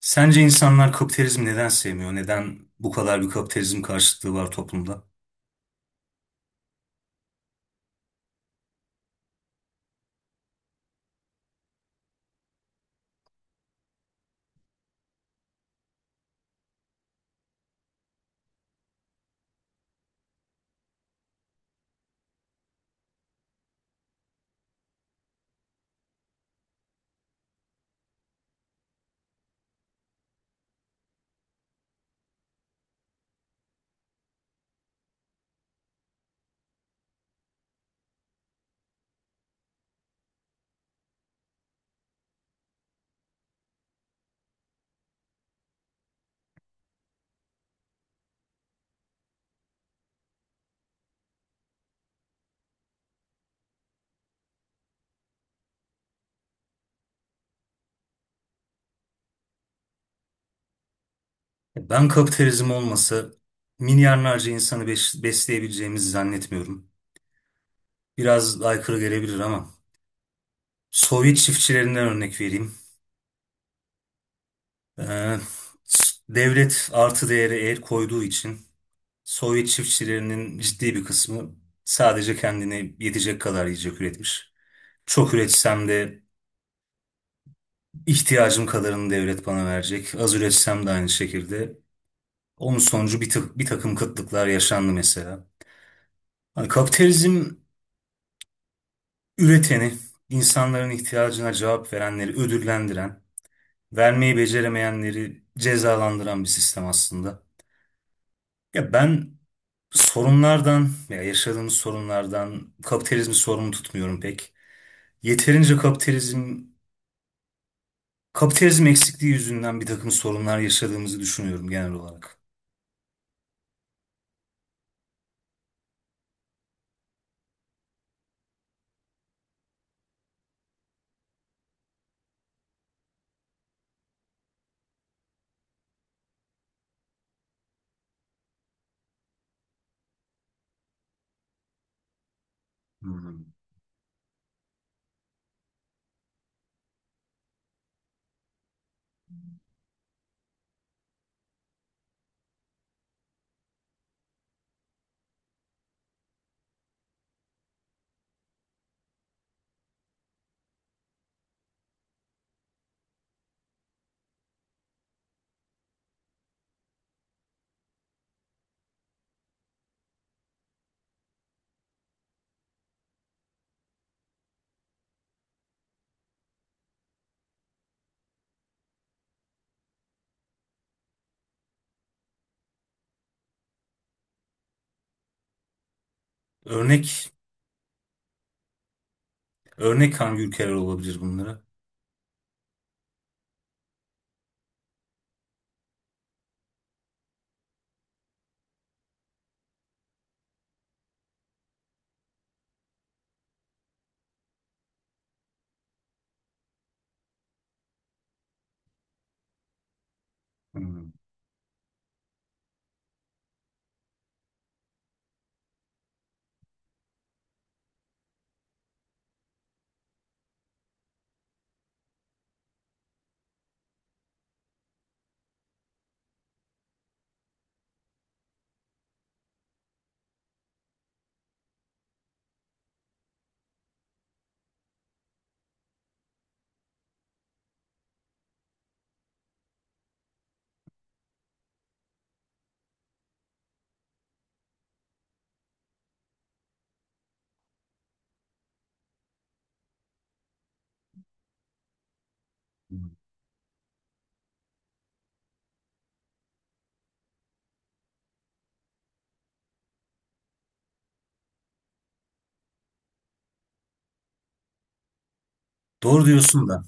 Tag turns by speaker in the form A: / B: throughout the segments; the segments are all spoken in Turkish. A: Sence insanlar kapitalizmi neden sevmiyor? Neden bu kadar bir kapitalizm karşıtlığı var toplumda? Ben kapitalizm olmasa milyarlarca insanı besleyebileceğimizi zannetmiyorum. Biraz aykırı gelebilir ama Sovyet çiftçilerinden örnek vereyim. Ee, Devlet artı değere el koyduğu için Sovyet çiftçilerinin ciddi bir kısmı sadece kendine yetecek kadar yiyecek üretmiş. Çok üretsem de ihtiyacım kadarını devlet bana verecek. Az üretsem de aynı şekilde. Onun sonucu bir takım kıtlıklar yaşandı mesela. Hani kapitalizm üreteni, insanların ihtiyacına cevap verenleri ödüllendiren, vermeyi beceremeyenleri cezalandıran bir sistem aslında. Ya ben sorunlardan ya yaşadığımız sorunlardan kapitalizmi sorumlu tutmuyorum pek. Yeterince kapitalizm eksikliği yüzünden bir takım sorunlar yaşadığımızı düşünüyorum genel olarak. Hmm. Örnek örnek hangi ülkeler olabilir bunlara? Hmm. Hmm. Doğru diyorsun da.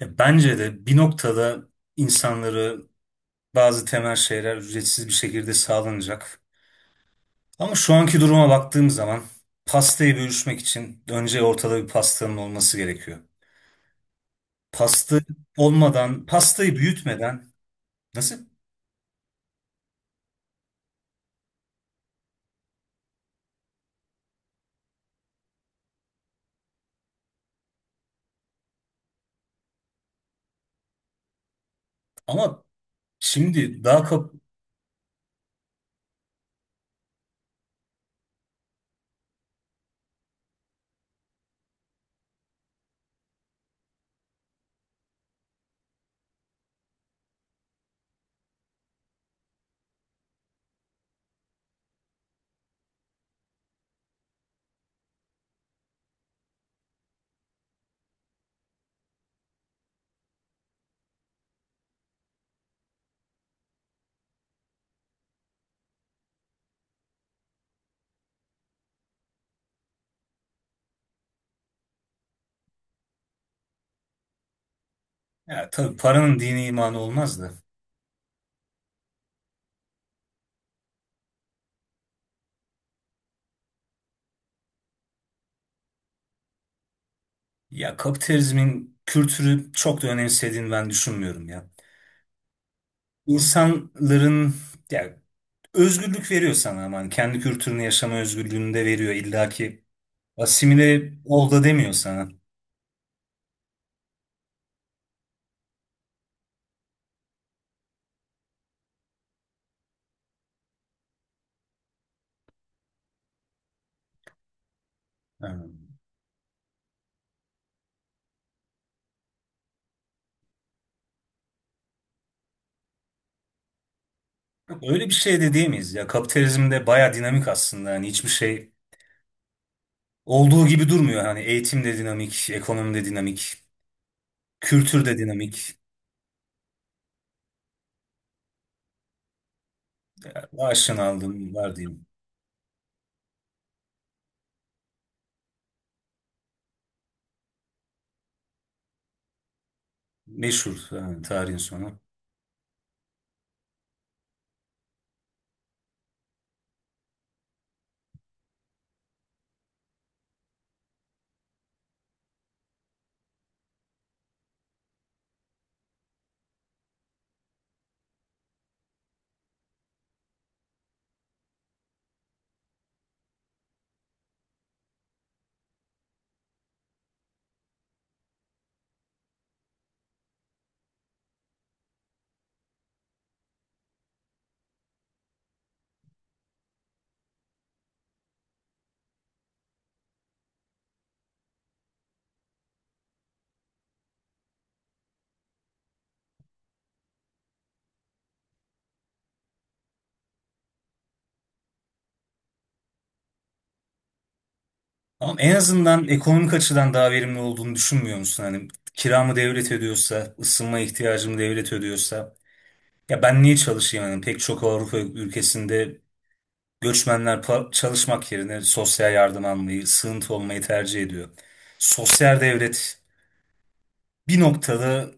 A: Ya bence de bir noktada insanları bazı temel şeyler ücretsiz bir şekilde sağlanacak. Ama şu anki duruma baktığım zaman pastayı bölüşmek için önce ortada bir pastanın olması gerekiyor. Pasta olmadan, pastayı büyütmeden nasıl? Ama şimdi daha kap Ya tabii paranın dini imanı olmaz da. Ya kapitalizmin kültürü çok da önemsediğini ben düşünmüyorum ya. İnsanların ya özgürlük veriyor sana aman. Kendi kültürünü yaşama özgürlüğünü de veriyor. İlla ki asimile ol da demiyor sana. Yani yok, Öyle bir şey de diyemeyiz ya. Kapitalizm de baya dinamik aslında. Yani hiçbir şey olduğu gibi durmuyor. Hani eğitim de dinamik, ekonomi de dinamik, kültür de dinamik. Aşina aldım var diyeyim. Meşhur yani tarihin sonu. Ama en azından ekonomik açıdan daha verimli olduğunu düşünmüyor musun? Hani kiramı devlet ödüyorsa, ısınma ihtiyacımı devlet ödüyorsa ya ben niye çalışayım? Yani pek çok Avrupa ülkesinde göçmenler çalışmak yerine sosyal yardım almayı, sığıntı olmayı tercih ediyor. Sosyal devlet bir noktada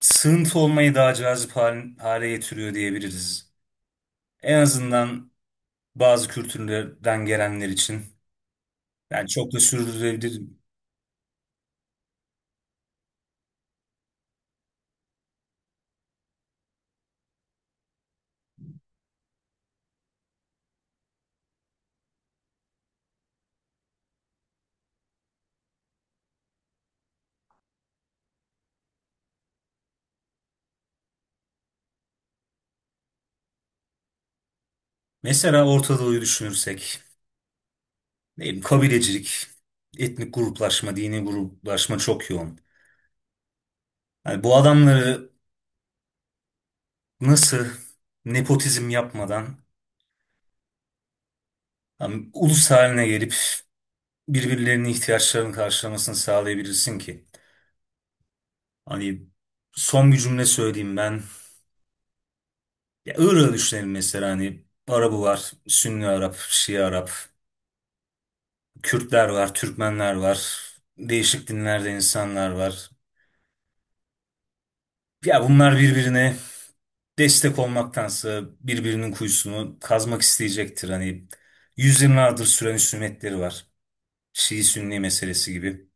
A: sığıntı olmayı daha cazip hale getiriyor diyebiliriz. En azından bazı kültürlerden gelenler için. Yani çok da sürdürülebilir. Mesela Orta Doğu'yu düşünürsek, ne bileyim, kabilecilik, etnik gruplaşma, dini gruplaşma çok yoğun. Yani bu adamları nasıl nepotizm yapmadan hani ulus haline gelip birbirlerinin ihtiyaçlarını karşılamasını sağlayabilirsin ki? Hani son bir cümle söyleyeyim ben. Ya Irak'ı düşünelim mesela, hani Arabı var, Sünni Arap, Şii Arap, Kürtler var, Türkmenler var, değişik dinlerde insanlar var. Ya bunlar birbirine destek olmaktansa birbirinin kuyusunu kazmak isteyecektir. Hani yüzyıllardır süren husumetleri var. Şii Sünni meselesi gibi.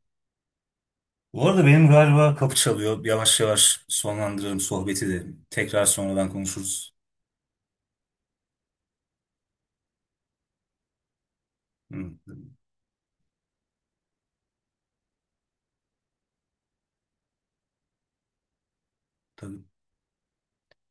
A: Bu arada benim galiba kapı çalıyor. Yavaş yavaş sonlandıralım sohbeti de. Tekrar sonradan konuşuruz. Hı, tabii.